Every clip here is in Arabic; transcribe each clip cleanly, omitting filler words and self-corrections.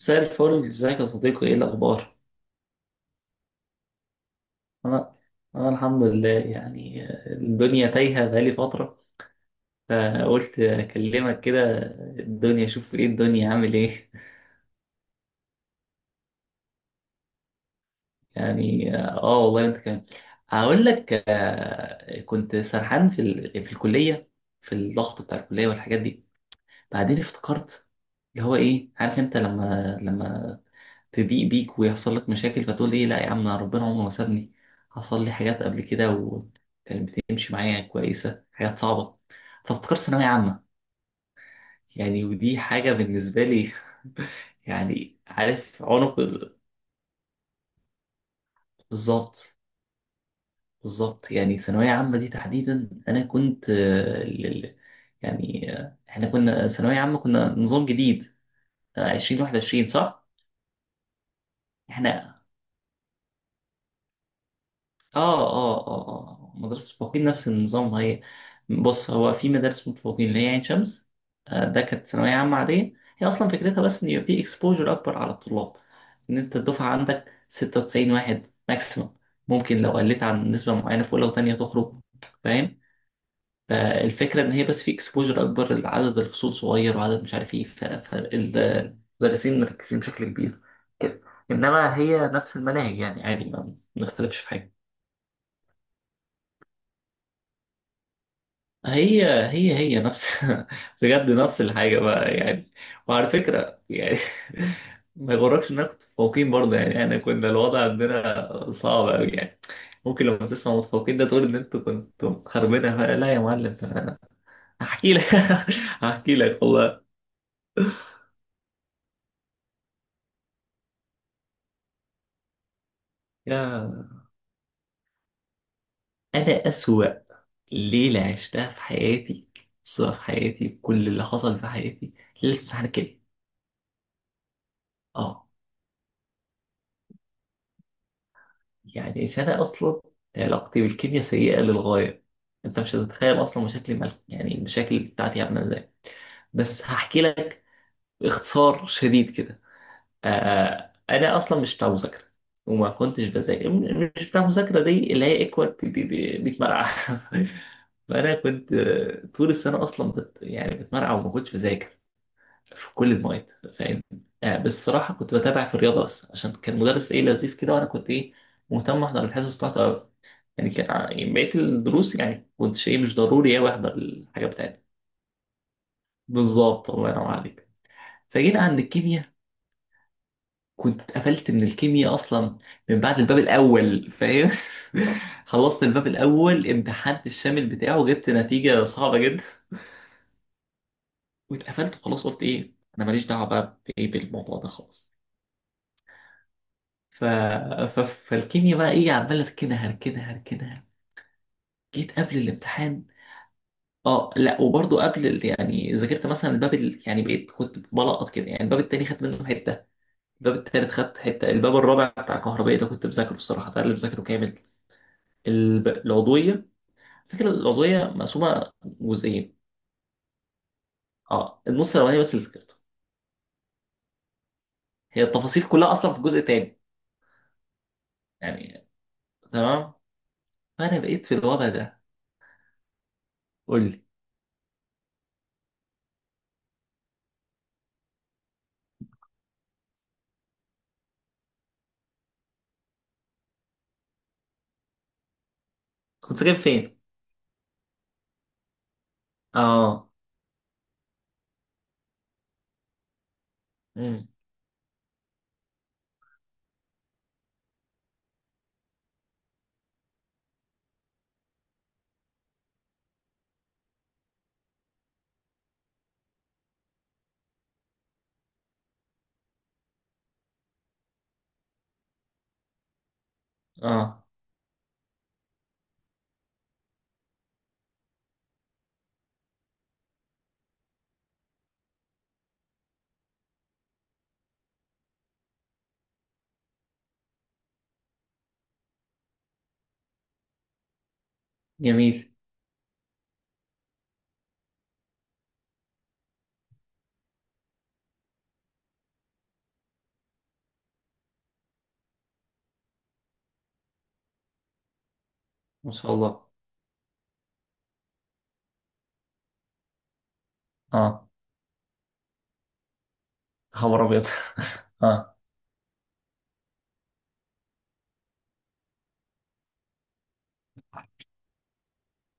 مساء الفل، ازيك يا صديقي؟ ايه الاخبار؟ انا انا الحمد لله يعني. الدنيا تايهه بقالي فتره، فقلت اكلمك كده. الدنيا شوف، ايه الدنيا عامل ايه؟ يعني اه والله انت كمان. هقول لك كنت سرحان في في الكليه، في الضغط بتاع الكليه والحاجات دي. بعدين افتكرت اللي هو ايه، عارف انت لما تضيق بيك ويحصل لك مشاكل فتقول ايه؟ لا يا عم، أنا ربنا عمره ما سابني. حصل لي حاجات قبل كده وكانت بتمشي معايا كويسة، حاجات صعبة، فافتكرت ثانوية عامة، يعني ودي حاجة بالنسبة لي. يعني عارف عنق بالظبط. بالظبط، يعني ثانوية عامة دي تحديدا أنا كنت يعني احنا كنا ثانوية عامة، كنا نظام جديد، عشرين واحد وعشرين، صح؟ احنا اه اه اه آه. مدرسة المتفوقين نفس النظام هي. بص، هو في مدارس متفوقين اللي هي عين شمس. ده كانت ثانوية عامة عادية. هي أصلا فكرتها بس إن يبقى في اكسبوجر أكبر على الطلاب، إن أنت الدفعة عندك 96 واحد ماكسيمم. ممكن لو قلت عن نسبة معينة في أولى وتانية تخرج، فاهم؟ فالفكرة إن هي بس في اكسبوجر أكبر، لعدد الفصول صغير وعدد مش عارف إيه، فالمدرسين مركزين بشكل كبير كده. إنما هي نفس المناهج يعني، عادي، ما بنختلفش في حاجة. هي نفس. بجد نفس الحاجة بقى يعني. وعلى فكرة يعني، ما يغركش اننا كنت متفوقين برضه، يعني احنا كنا الوضع عندنا صعب أوي يعني. ممكن لما تسمع متفوقين ده تقول ان انتوا كنتوا خربانة بقى. لا يا معلم، ده أنا هحكي لك. هحكي لك والله. يا انا أسوأ ليلة عشتها في حياتي، أسوأ في حياتي، كل اللي حصل في حياتي ليلة امتحان الكيمياء. اه، يعني انا اصلا علاقتي بالكيمياء سيئه للغايه. انت مش هتتخيل اصلا مشاكلي مع، يعني المشاكل بتاعتي عامله ازاي. بس هحكي لك باختصار شديد كده. انا اصلا مش بتاع مذاكره، وما كنتش بذاكر مش بتاع مذاكره، دي اللي هي اكوال بيتمرقع. فانا كنت، طول السنه اصلا يعني بتمرقع وما كنتش بذاكر في كل المواد، فاهم؟ آه بس الصراحه كنت بتابع في الرياضه بس، عشان كان مدرس ايه لذيذ كده، وانا كنت ايه مهتم احضر الحصص بتاعته قوي. يعني كان يعني بقيه الدروس يعني كنت ايه مش ضروري قوي احضر الحاجه بتاعتي. بالظبط، الله ينور عليك. فجينا عند الكيمياء، كنت اتقفلت من الكيمياء اصلا من بعد الباب الاول، فاهم؟ خلصت الباب الاول، امتحنت الشامل بتاعه، جبت نتيجه صعبه جدا، واتقفلت وخلاص. قلت ايه انا ماليش دعوه بقى بايه، بالموضوع ده خالص. ف... فالكيميا بقى ايه، عمال اركنها اركنها. جيت قبل الامتحان، اه لا، وبرضه قبل يعني ذاكرت مثلا الباب يعني بقيت كنت بلقط كده، يعني الباب التاني خدت منه حته، الباب التالت خدت حته، الباب الرابع بتاع كهربائي ده كنت بذاكره الصراحه، ده اللي بذاكره كامل. العضويه، فكرة العضويه مقسومه جزئين. اه، النص الاولاني بس اللي ذاكرته، هي التفاصيل كلها اصلا في الجزء التاني، يعني. تمام. فانا بقيت في الوضع ده. قول لي. كنت جايب فين؟ اه. امم. اه. جميل. ما شاء الله. اه، خبر ابيض. اه.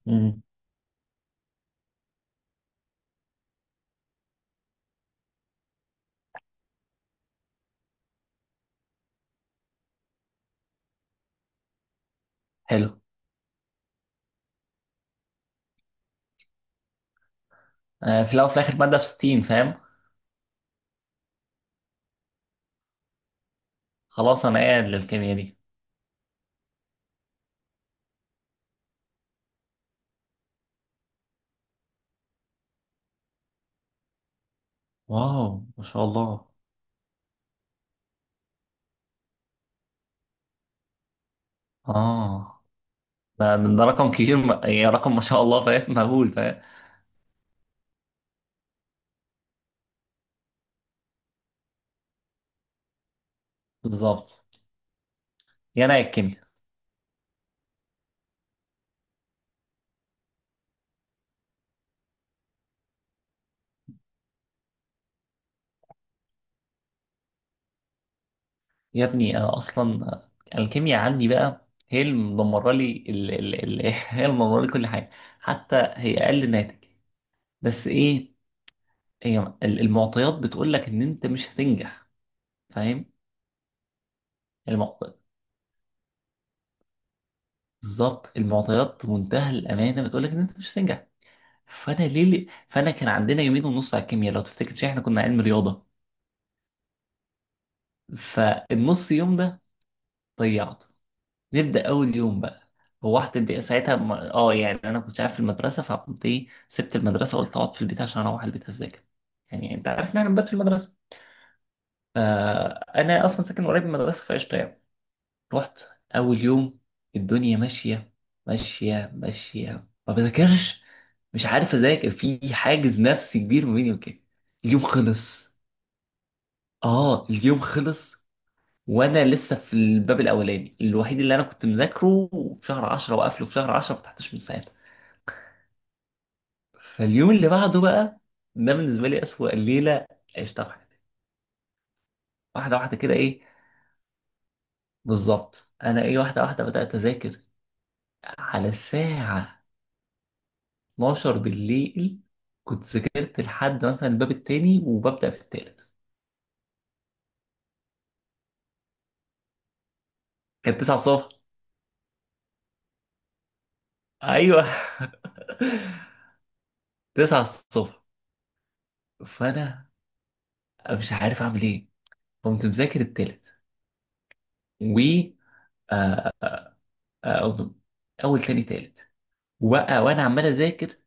مم. حلو. آه، في الاول وفي الاخر ماده في 60، فاهم؟ خلاص انا قاعد للكيمياء دي. واو، ما شاء الله. اه، ده رقم كبير، يعني رقم ما شاء الله، فاهم؟ مهول، فاهم؟ بالظبط، يا انا يا الكيمياء. يا ابني انا اصلا الكيمياء عندي بقى هي اللي مدمره لي هي اللي مدمره لي كل حاجه. حتى هي اقل ناتج، بس ايه، هي المعطيات بتقول لك ان انت مش هتنجح، فاهم؟ المعطيات، بالظبط، المعطيات بمنتهى الامانه بتقول لك ان انت مش هتنجح. فانا كان عندنا يومين ونص على الكيمياء لو تفتكر، شيء احنا كنا علم رياضه. فالنص يوم ده ضيعته. نبدا اول يوم بقى، روحت البيت ساعتها، اه يعني انا كنت عارف في المدرسه، فقمت ايه، سبت المدرسه وقلت اقعد في البيت، عشان اروح البيت اذاكر. يعني انت عارف ان احنا بنبات في المدرسه، انا اصلا ساكن قريب من المدرسه فقشطه يعني. رحت، اول يوم الدنيا ماشيه، ماشيه، ما بذاكرش، مش عارف اذاكر، في حاجز نفسي كبير ما بيني وكده. اليوم خلص، اه اليوم خلص، وانا لسه في الباب الاولاني الوحيد اللي انا كنت مذاكره في شهر 10 وقافله في شهر 10، ما فتحتوش من ساعتها. فاليوم اللي بعده بقى، ده بالنسبه لي اسوأ ليله عشتها في حياتي. واحده واحده كده ايه، بالظبط، انا ايه واحده واحده بدات اذاكر، على الساعه 12 بالليل. كنت ذاكرت لحد مثلا الباب التاني وببدأ في التالت. كانت 9 الصبح، ايوه. 9 الصبح. فانا مش عارف اعمل ايه، قمت مذاكر التالت، و آه، اول تاني تالت. وبقى وانا عمال اذاكر،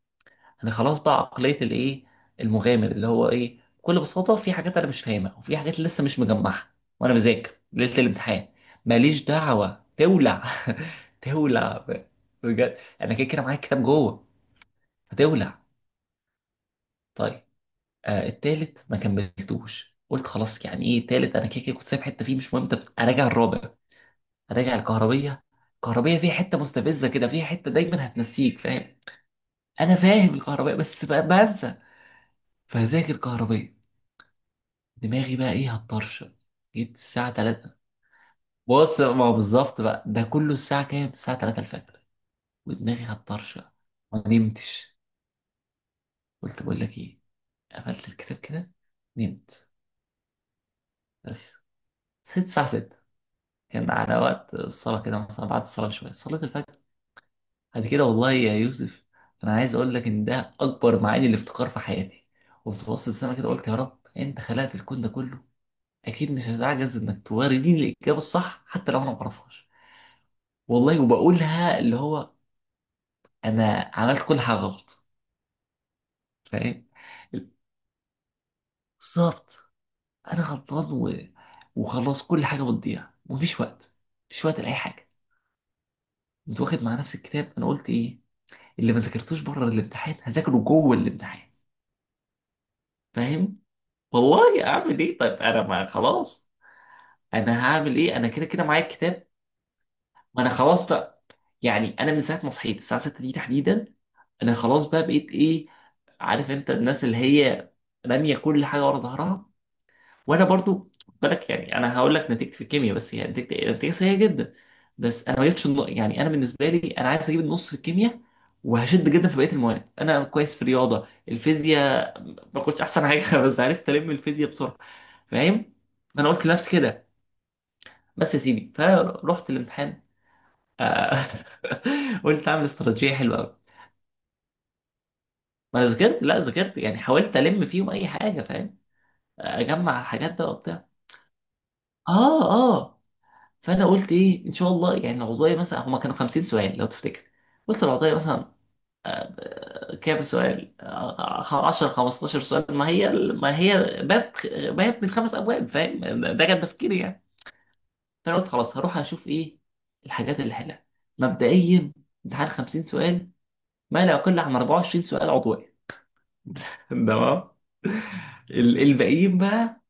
انا خلاص بقى عقليه الايه، المغامر، اللي هو ايه، بكل بساطه في حاجات انا مش فاهمها، وفي حاجات لسه مش مجمعها، وانا بذاكر ليله الامتحان. ماليش دعوه، تولع. تولع بجد انا كده كده معايا الكتاب جوه، هتولع. طيب. آه، التالت ما كملتوش. قلت خلاص، يعني ايه التالت، انا كده كده كنت سايب حته فيه مش مهم، طب اراجع الرابع، اراجع الكهربيه. الكهربيه فيها حته مستفزه كده، فيها حته دايما هتنسيك، فاهم؟ انا فاهم الكهربائي بس بنسى. فهذاكر كهربائي، دماغي بقى ايه، هتطرشق. جيت الساعة 3، بص ما هو بالظبط بقى، ده كله الساعة كام؟ الساعة 3 الفجر، ودماغي هتطرشق. ما نمتش. قلت بقول لك ايه، قفلت الكتاب كده، نمت. بس صحيت الساعة 6، كان على وقت الصلاة كده، مثلا بعد الصلاة بشوية، صليت الفجر. بعد كده والله يا يوسف، أنا عايز أقول لك إن ده أكبر معاني الافتقار في حياتي. قمت بص للسما كده، قلت يا رب أنت خلقت الكون ده كله، أكيد مش هتعجز إنك تورديني الإجابة الصح حتى لو أنا ما أعرفهاش. والله. وبقولها، اللي هو انا عملت كل حاجه غلط، فاهم؟ بالظبط. انا غلطان وخلاص، كل حاجه بتضيع، ومفيش وقت، مفيش وقت لاي حاجه. كنت واخد مع نفس الكتاب، انا قلت ايه، اللي ما ذاكرتوش بره الامتحان هذاكره جوه الامتحان، فاهم؟ والله اعمل ايه؟ طيب انا ما خلاص، انا هعمل ايه، انا كده كده معايا الكتاب. ما انا خلاص بقى، يعني انا من ساعه ما صحيت الساعه 6 دي تحديدا، انا خلاص بقى بقيت ايه، عارف انت الناس اللي هي راميه كل حاجه ورا ظهرها. وانا برضو، خد بالك، يعني انا هقول لك نتيجتي في الكيمياء، بس هي نتيجتي، نتيجة سيئه جدا، بس انا ما جبتش يعني انا بالنسبه لي انا عايز اجيب النص في الكيمياء، وهشد جدا في بقيه المواد، انا كويس في الرياضه الفيزياء، ما كنتش احسن حاجه. بس عرفت الم الفيزياء بسرعه، فاهم؟ انا قلت لنفسي كده. بس يا سيدي، فرحت الامتحان آه، قلت اعمل استراتيجيه حلوه قوي. ما انا ذاكرت، لا ذاكرت يعني، حاولت الم فيهم اي حاجه، فاهم؟ اجمع حاجات بقى وبتاع. اه اه. فانا قلت ايه، ان شاء الله يعني، العضويه مثلا هما كانوا 50 سؤال لو تفتكر. قلت العضويه مثلا كام سؤال، 10 15 سؤال، ما هي باب، باب من خمس ابواب، فاهم؟ ده كان تفكيري يعني. فانا قلت خلاص، هروح اشوف ايه الحاجات اللي حلها. مبدئيا امتحان 50 سؤال، ما لا يقل عن 24 سؤال عضويه. تمام. الباقيين بقى،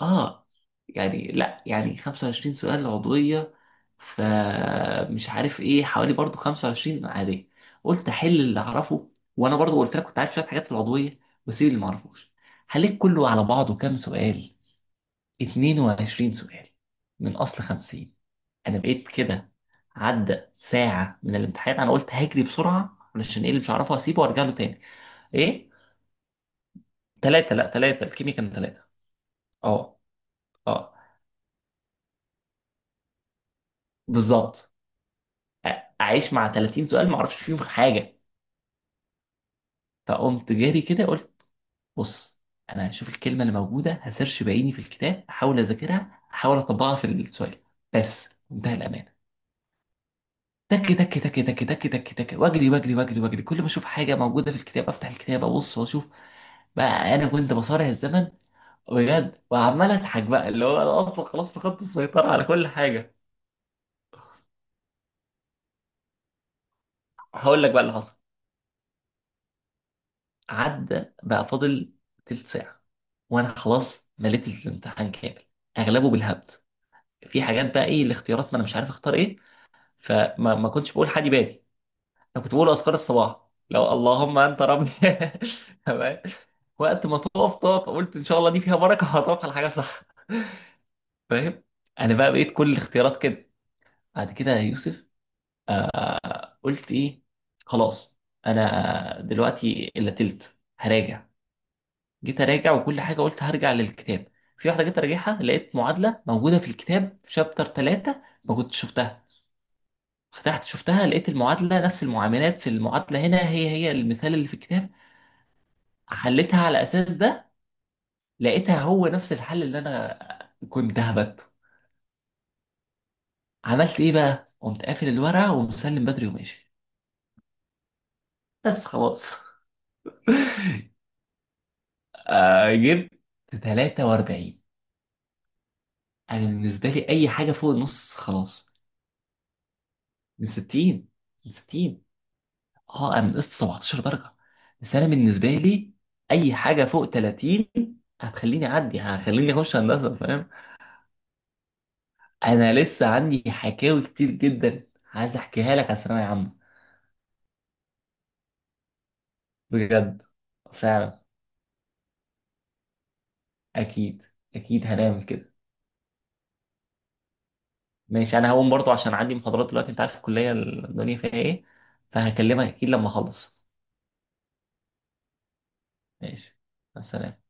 اه، يعني لا يعني 25 سؤال عضوية، فمش عارف ايه، حوالي برضو 25 عادية. قلت احل اللي اعرفه، وانا برضو قلت لك كنت عارف شوية حاجات في العضوية، واسيب اللي ما اعرفوش. حليت كله على بعضه كام سؤال؟ 22 سؤال من اصل 50. انا بقيت كده، عدى ساعة من الامتحان، انا قلت هجري بسرعة، علشان ايه اللي مش هعرفه هسيبه وارجع له تاني. ايه، ثلاثة، لا ثلاثة، الكيمياء كان ثلاثة. اه اه، بالظبط. اعيش مع 30 سؤال ما اعرفش فيهم حاجه. فقمت جاري كده قلت، بص، انا هشوف الكلمه اللي موجوده هسيرش بعيني في الكتاب، احاول اذاكرها احاول اطبقها في السؤال، بس منتهى الامانه. تك تك تك تك تك تك تك، واجري واجري واجري واجري، كل ما اشوف حاجه موجوده في الكتاب افتح الكتاب ابص واشوف. بقى انا كنت بصارع الزمن بجد، وعمال اضحك بقى، اللي هو انا اصلا خلاص فقدت السيطره على كل حاجه. هقول لك بقى اللي حصل. عدى بقى، فاضل تلت ساعة، وأنا خلاص مليت الامتحان كامل، أغلبه بالهبد، في حاجات بقى إيه الاختيارات ما أنا مش عارف أختار إيه. فما ما كنتش بقول حادي بادي، أنا كنت بقول أذكار الصباح، لو اللهم أنت ربي. تمام. وقت ما تقف تقف، قلت إن شاء الله دي فيها بركة، هتقف على حاجة صح، فاهم؟ أنا بقى بقيت كل الاختيارات كده. بعد كده يا يوسف، قلت إيه، خلاص، أنا دلوقتي إلا تلت هراجع. جيت اراجع وكل حاجه قلت هرجع للكتاب. في واحده جيت اراجعها، لقيت معادله موجوده في الكتاب في شابتر 3 ما كنتش شفتها. فتحت شفتها، لقيت المعادله نفس المعاملات في المعادله، هنا هي هي المثال اللي في الكتاب، حليتها على اساس ده. لقيتها هو نفس الحل اللي انا كنت هبته. عملت ايه بقى، قمت قافل الورقه ومسلم بدري وماشي، بس خلاص. جبت 43. انا بالنسبه لي اي حاجه فوق النص خلاص. من 60. من 60، اه. انا نقصت 17 درجه، بس انا بالنسبه لي اي حاجه فوق 30 هتخليني اعدي، هخليني اخش هندسه، فاهم؟ انا لسه عندي حكاوي كتير جدا، عايز احكيها لك على الثانويه عامه. بجد. فعلا. اكيد. اكيد هنعمل كده. ماشي، انا هقوم برضو عشان عندي محاضرات دلوقتي، انت عارف الكليه الدنيا فيها ايه. فهكلمك اكيد لما اخلص. ماشي، مع السلامه.